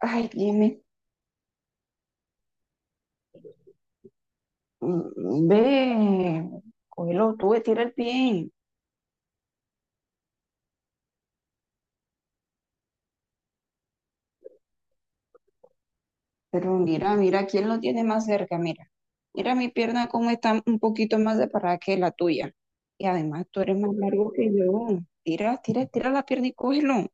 Ay, Jimmy, ve, cógelo tú, tira el pie. Pero mira, ¿quién lo tiene más cerca? Mira, mira mi pierna cómo está un poquito más separada que la tuya. Y además tú eres más largo que yo. Tira la pierna y cógelo.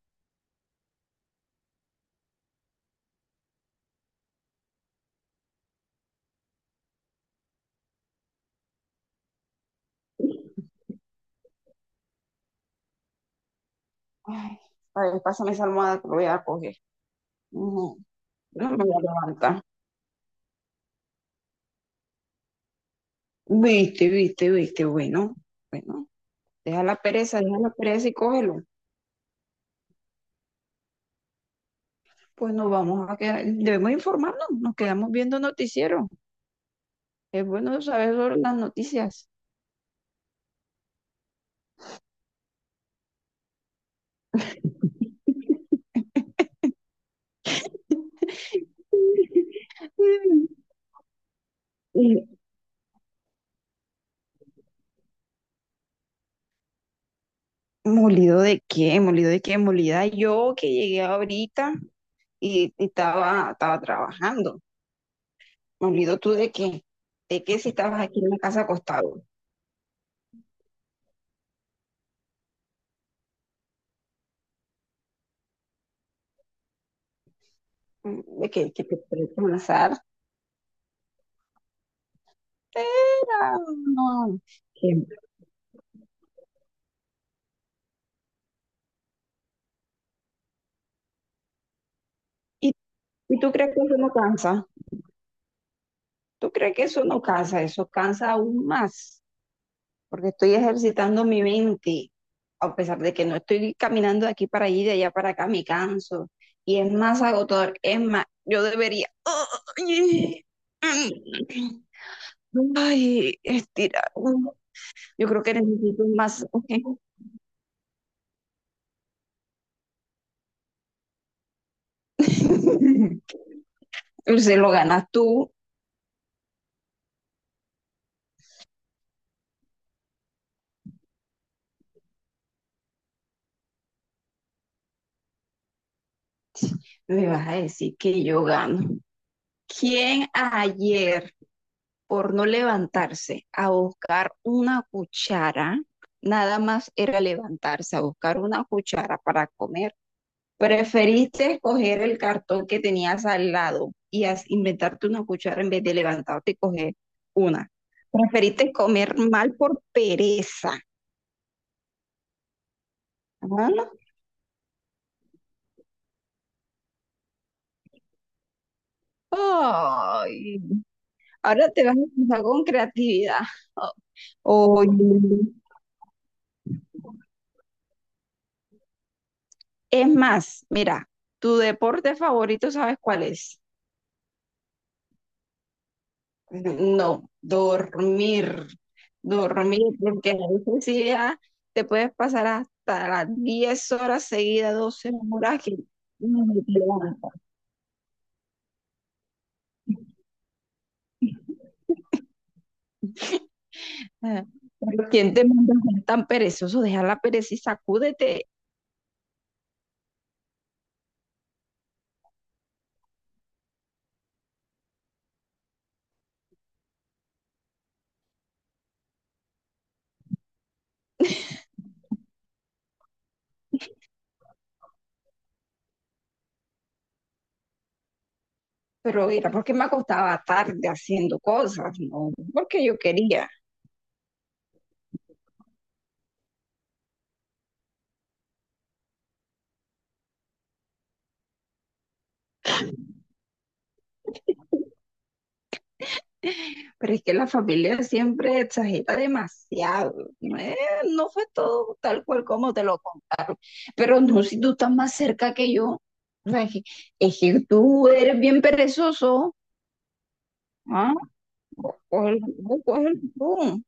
Ay, a ver, pásame esa almohada que lo voy a coger. No, no me voy a levantar. Viste, viste, viste, bueno, bueno, deja la pereza y cógelo. Pues nos vamos a quedar, debemos informarnos, nos quedamos viendo noticiero. Es bueno saber sobre las noticias. Y, ¿molido de qué? ¿Molido de qué? Molida yo que llegué ahorita y estaba trabajando. ¿Molido tú de qué? ¿De qué si estabas aquí en la casa acostado? Mm, ¿de qué? ¿Que te presta una sartera? No. ¿Qué? ¿Y, y tú crees que eso no cansa? ¿Tú crees que eso no cansa? Eso cansa aún más, porque estoy ejercitando mi mente. A pesar de que no estoy caminando de aquí para allí, de allá para acá, me canso y es más agotador. Es más, yo debería estirar. Yo creo que necesito más. Se lo ganas tú, me vas a decir que yo gano. ¿Quién ayer, por no levantarse a buscar una cuchara, nada más era levantarse a buscar una cuchara para comer, preferiste escoger el cartón que tenías al lado y inventarte una cuchara en vez de levantarte y coger una? Preferiste comer mal por pereza. Ah, ay, ahora te vas a empezar con creatividad. Oye, es más, mira, tu deporte favorito, ¿sabes cuál es? No, dormir, dormir, porque la necesidad te puedes pasar hasta las 10 horas seguidas, 12 horas que ni te levantas. Ah, pero ¿quién te manda a ser tan perezoso? Deja la pereza y sacúdete. Pero era porque me acostaba tarde haciendo cosas, no porque yo quería. Pero es que la familia siempre exagera demasiado. No, no fue todo tal cual como te lo... Pero no, si tú estás más cerca que yo. O sea, es que tú eres bien perezoso. ¿Ah? Cógelo tú, cógelo tú.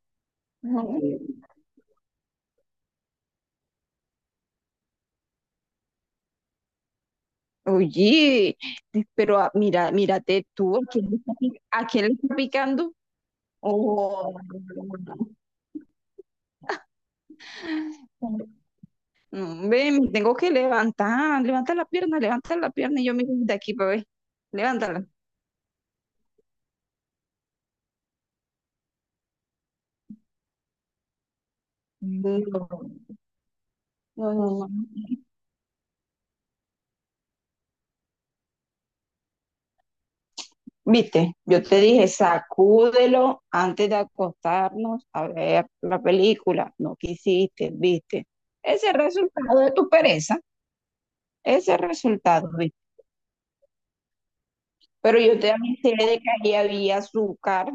Oye, pero mira, mírate tú, ¿a quién le está, a quién le está picando? Oh, no, ve, me tengo que levantar, levanta la pierna y yo miro de aquí para ver, levántala. No, no, no. Viste, yo te dije, sacúdelo antes de acostarnos a ver la película. No quisiste, viste. Ese es el resultado de tu pereza, ese es el resultado, viste. Pero yo te avisé de que ahí había azúcar.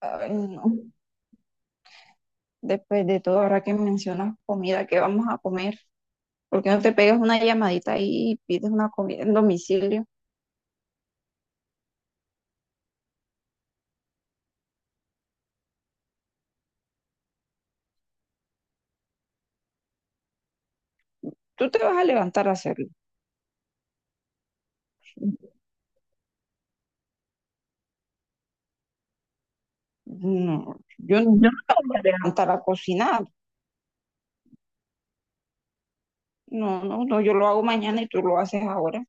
Ay, no. Después de todo, ahora que mencionas comida, ¿qué vamos a comer? ¿Por qué no te pegas una llamadita ahí y pides una comida en domicilio? Tú te vas a levantar a hacerlo. No, yo no me voy a levantar a cocinar. No, no, no, yo lo hago mañana y tú lo haces ahora.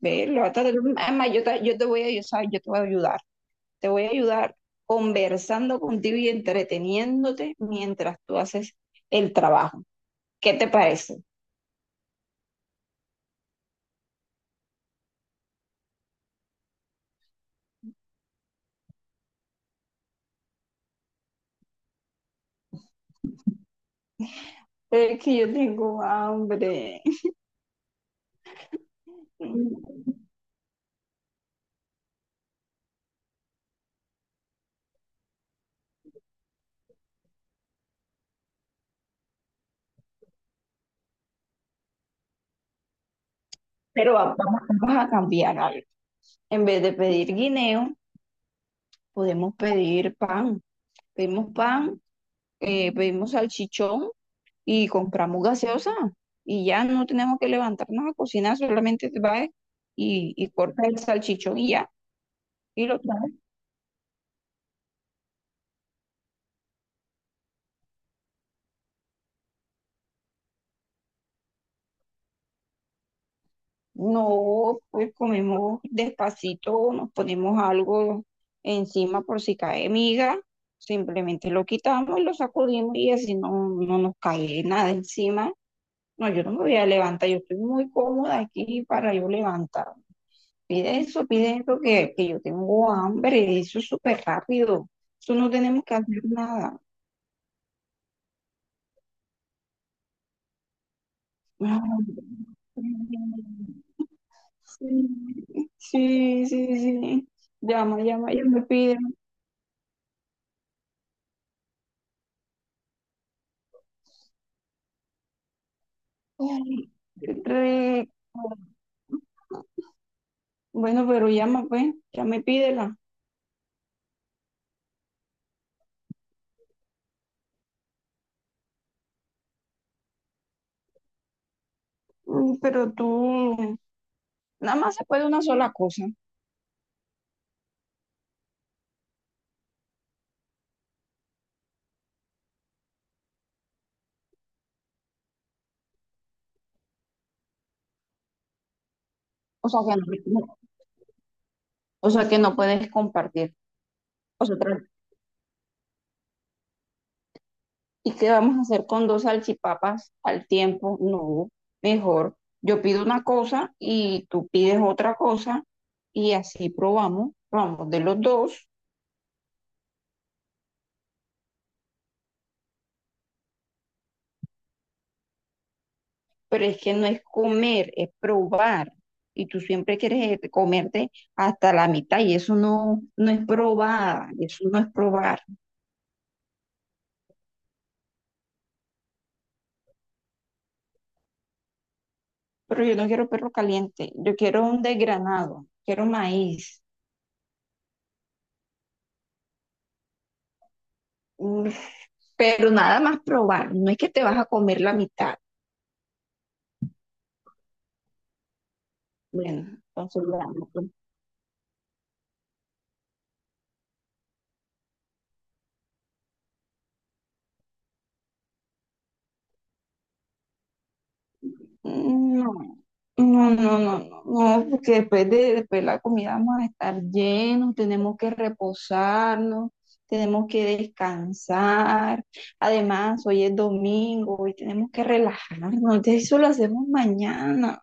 Ve, levántate tú. Además, yo te voy a ayudar, yo te voy a ayudar. Te voy a ayudar conversando contigo y entreteniéndote mientras tú haces el trabajo. ¿Qué te parece? Es que yo tengo hambre. Pero vamos, vamos a cambiar algo. En vez de pedir guineo, podemos pedir pan. Pedimos pan, pedimos salchichón y compramos gaseosa y ya no tenemos que levantarnos a cocinar, solamente va y corta el salchichón y ya, y lo trae. No, pues comemos despacito, nos ponemos algo encima por si cae miga, simplemente lo quitamos y lo sacudimos y así no nos cae nada encima. No, yo no me voy a levantar, yo estoy muy cómoda aquí para yo levantar. Pide eso que yo tengo hambre, y eso es súper rápido. Eso no tenemos que hacer nada. Ay, sí, sí, sí, sí. Llama, llama, llama, pide. Ay, qué rico. Bueno, pero llama, pues, llama y pídela. Mm, pero tú, nada más se puede una sola cosa. O sea que no, o sea que no puedes compartir. O sea, tra- ¿y qué vamos a hacer con dos salchipapas al tiempo? No, mejor yo pido una cosa y tú pides otra cosa y así probamos, probamos de los dos, pero es que no es comer, es probar. Y tú siempre quieres comerte hasta la mitad y eso no, no es probar, eso no es probar. Pero yo no quiero perro caliente, yo quiero un desgranado, quiero maíz, mm, pero nada más probar, no es que te vas a comer la mitad. Bueno, entonces ya, no, no, no, no, no, no, porque después de la comida vamos a estar llenos, tenemos que reposarnos, tenemos que descansar. Además, hoy es domingo y tenemos que relajarnos. Entonces, eso lo hacemos mañana.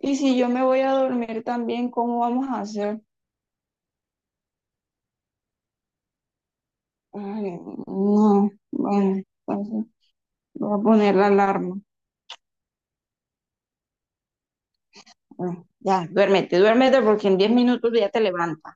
Y si yo me voy a dormir también, ¿cómo vamos a hacer? Ay, no, bueno, entonces voy a poner la alarma. Bueno, ya, duérmete, duérmete porque en 10 minutos ya te levantas.